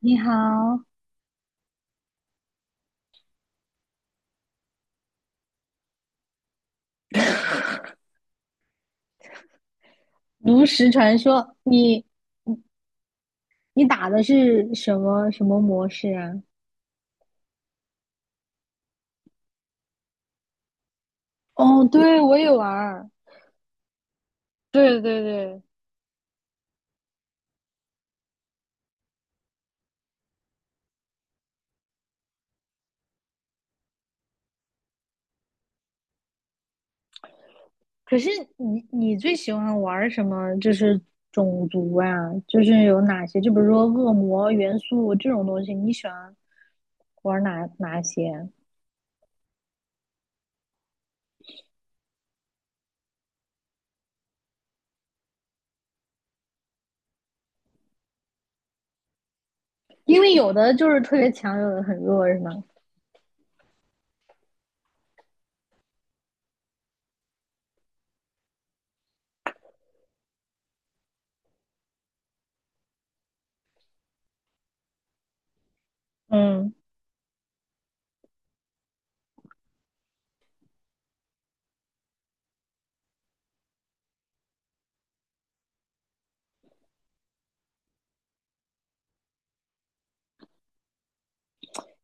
你好。炉石传说，你打的是什么模式啊？哦，对，我也玩儿，对对对。可是你最喜欢玩儿什么？就是种族啊，就是有哪些？就比如说恶魔元素这种东西，你喜欢玩儿哪些？因为有的就是特别强，有的很弱，是吗？嗯，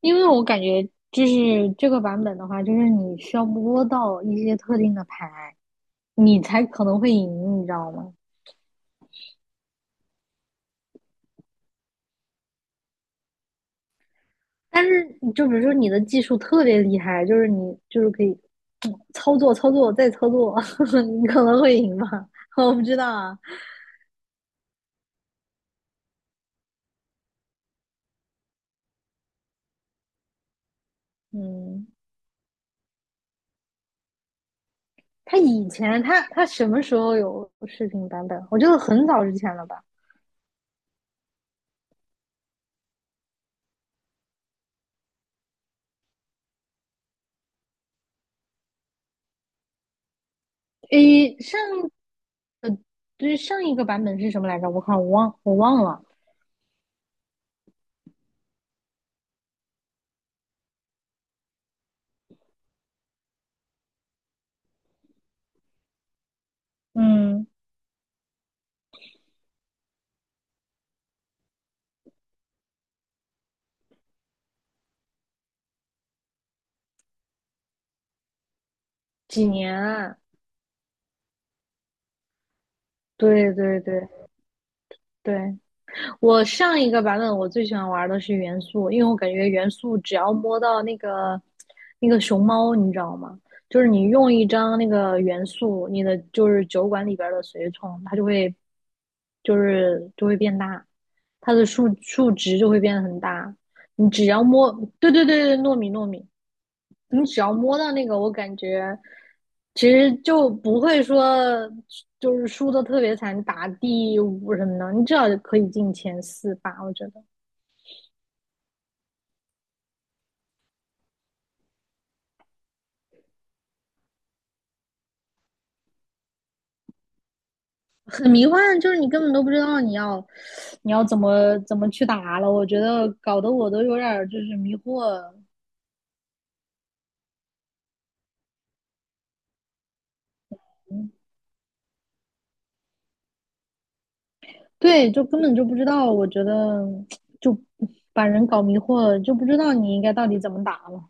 因为我感觉就是这个版本的话，就是你需要摸到一些特定的牌。你才可能会赢，你知道吗？但是你就比如说你的技术特别厉害，就是你就是可以操作操作再操作，你可能会赢吧？我不知道啊。嗯，他以前他什么时候有视频版本？我觉得很早之前了吧？诶，上对上一个版本是什么来着？我看我忘了。嗯，几年啊？对对对对。我上一个版本我最喜欢玩的是元素，因为我感觉元素只要摸到那个熊猫，你知道吗？就是你用一张那个元素，你的就是酒馆里边的随从，它就会就会变大，它的数值就会变得很大。你只要摸，对对对对，糯米，你只要摸到那个，我感觉其实就不会说就是输的特别惨，打第五什么的，你至少可以进前四吧。我觉得很迷幻，就是你根本都不知道你要怎么去打了。我觉得搞得我都有点儿就是迷惑。嗯，对，就根本就不知道。我觉得就把人搞迷惑了，就不知道你应该到底怎么打了。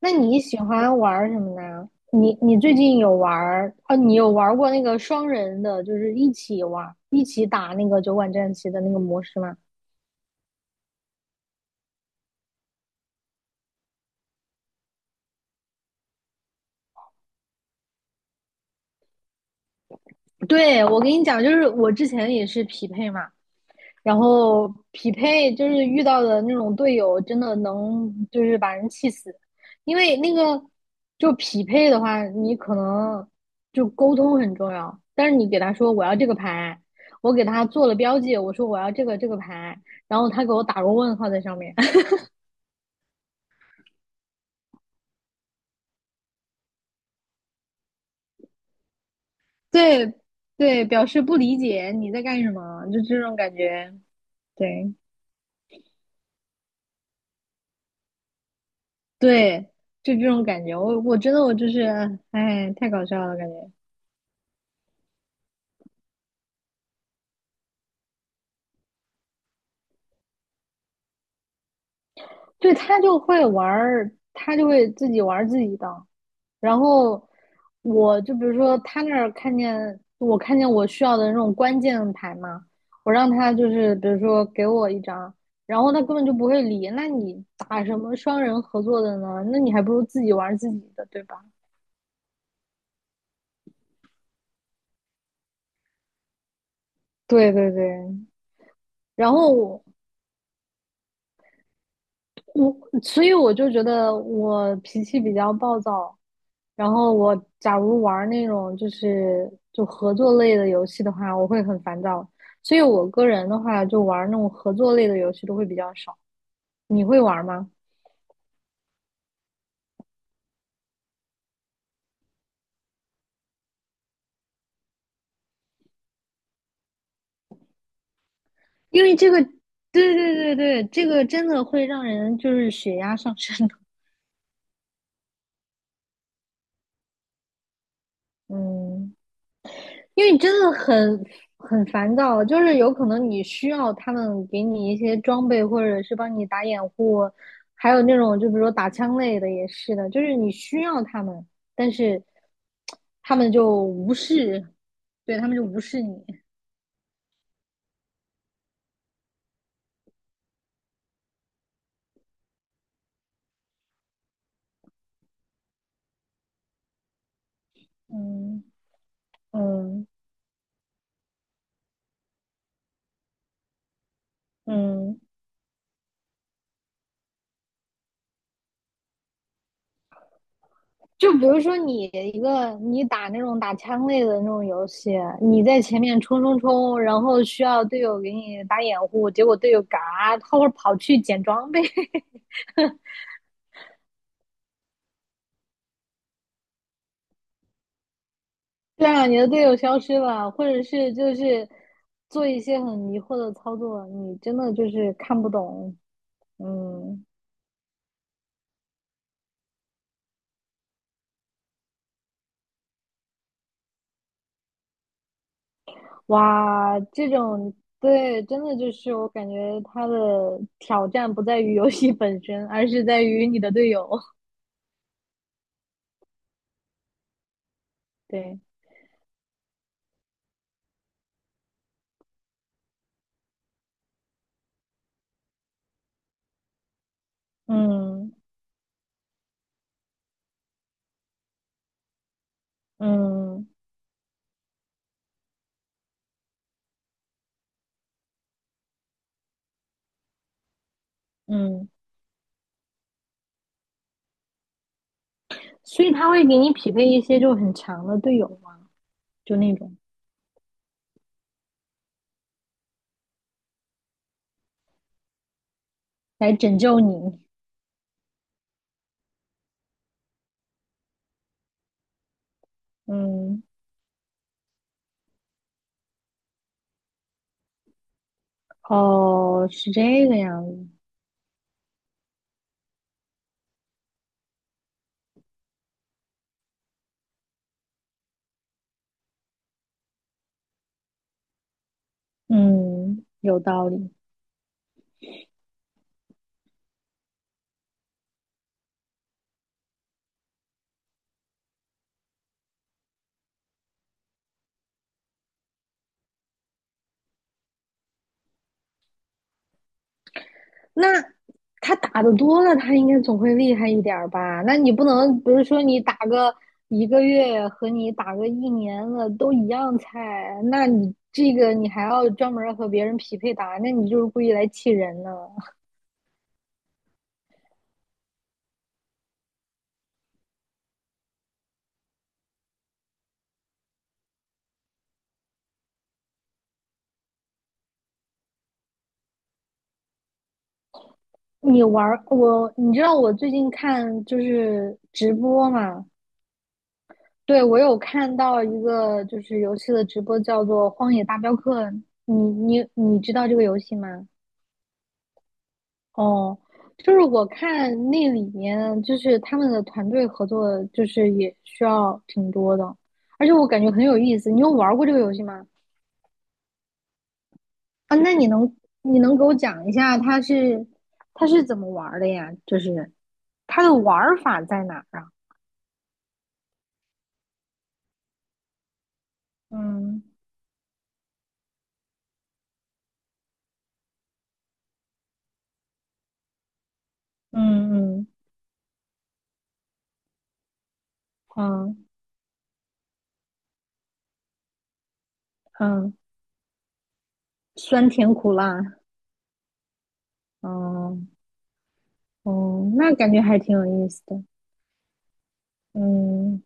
那你喜欢玩什么呢？你你最近有玩儿哦？你有玩儿过那个双人的，就是一起玩儿、一起打那个酒馆战棋的那个模式吗？对，我跟你讲，就是我之前也是匹配嘛，然后匹配就是遇到的那种队友，真的能就是把人气死，因为那个就匹配的话，你可能就沟通很重要，但是你给他说我要这个牌，我给他做了标记，我说我要这个牌，然后他给我打个问号在上面。对对，表示不理解你在干什么，就这种感觉，对对，就这种感觉，我真的我就是，哎，太搞笑了，感觉。对，他就会玩儿，他就会自己玩儿自己的。然后我就比如说他那儿看见我需要的那种关键牌嘛，我让他就是比如说给我一张，然后他根本就不会理。那你打什么双人合作的呢？那你还不如自己玩儿自己的，对吧？对对对。然后我所以我就觉得我脾气比较暴躁，然后我假如玩那种就是就合作类的游戏的话，我会很烦躁。所以我个人的话，就玩那种合作类的游戏都会比较少。你会玩吗？因为这个，对对对对，这个真的会让人就是血压上升的。嗯。因为你真的很烦躁，就是有可能你需要他们给你一些装备，或者是帮你打掩护，还有那种就比如说打枪类的也是的，就是你需要他们，但是他们就无视，对，他们就无视你。嗯嗯嗯，就比如说你一个你打那种打枪类的那种游戏，你在前面冲冲冲，然后需要队友给你打掩护，结果队友嘎，他会跑去捡装备。对啊，你的队友消失了，或者是就是做一些很迷惑的操作，你真的就是看不懂。嗯，哇，这种对，真的就是我感觉他的挑战不在于游戏本身，而是在于你的队友。对。嗯嗯嗯，所以他会给你匹配一些就很强的队友嘛，就那种来拯救你。嗯，哦，是这个样子。嗯，有道理。那他打的多了，他应该总会厉害一点儿吧？那你不能，比如说你打个一个月和你打个一年了都一样菜，那你这个你还要专门和别人匹配打，那你就是故意来气人呢。你玩，你知道我最近看就是直播嘛？对，我有看到一个就是游戏的直播，叫做《荒野大镖客》，你你知道这个游戏吗？哦，就是我看那里面，就是他们的团队合作，就是也需要挺多的，而且我感觉很有意思。你有玩过这个游戏吗？啊，那你能你能给我讲一下它是怎么玩儿的呀？就是它的玩儿法在哪儿啊？嗯嗯嗯嗯嗯，酸甜苦辣，嗯嗯，那感觉还挺有意思的。嗯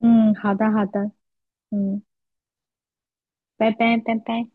嗯，好的好的，嗯，拜拜拜拜。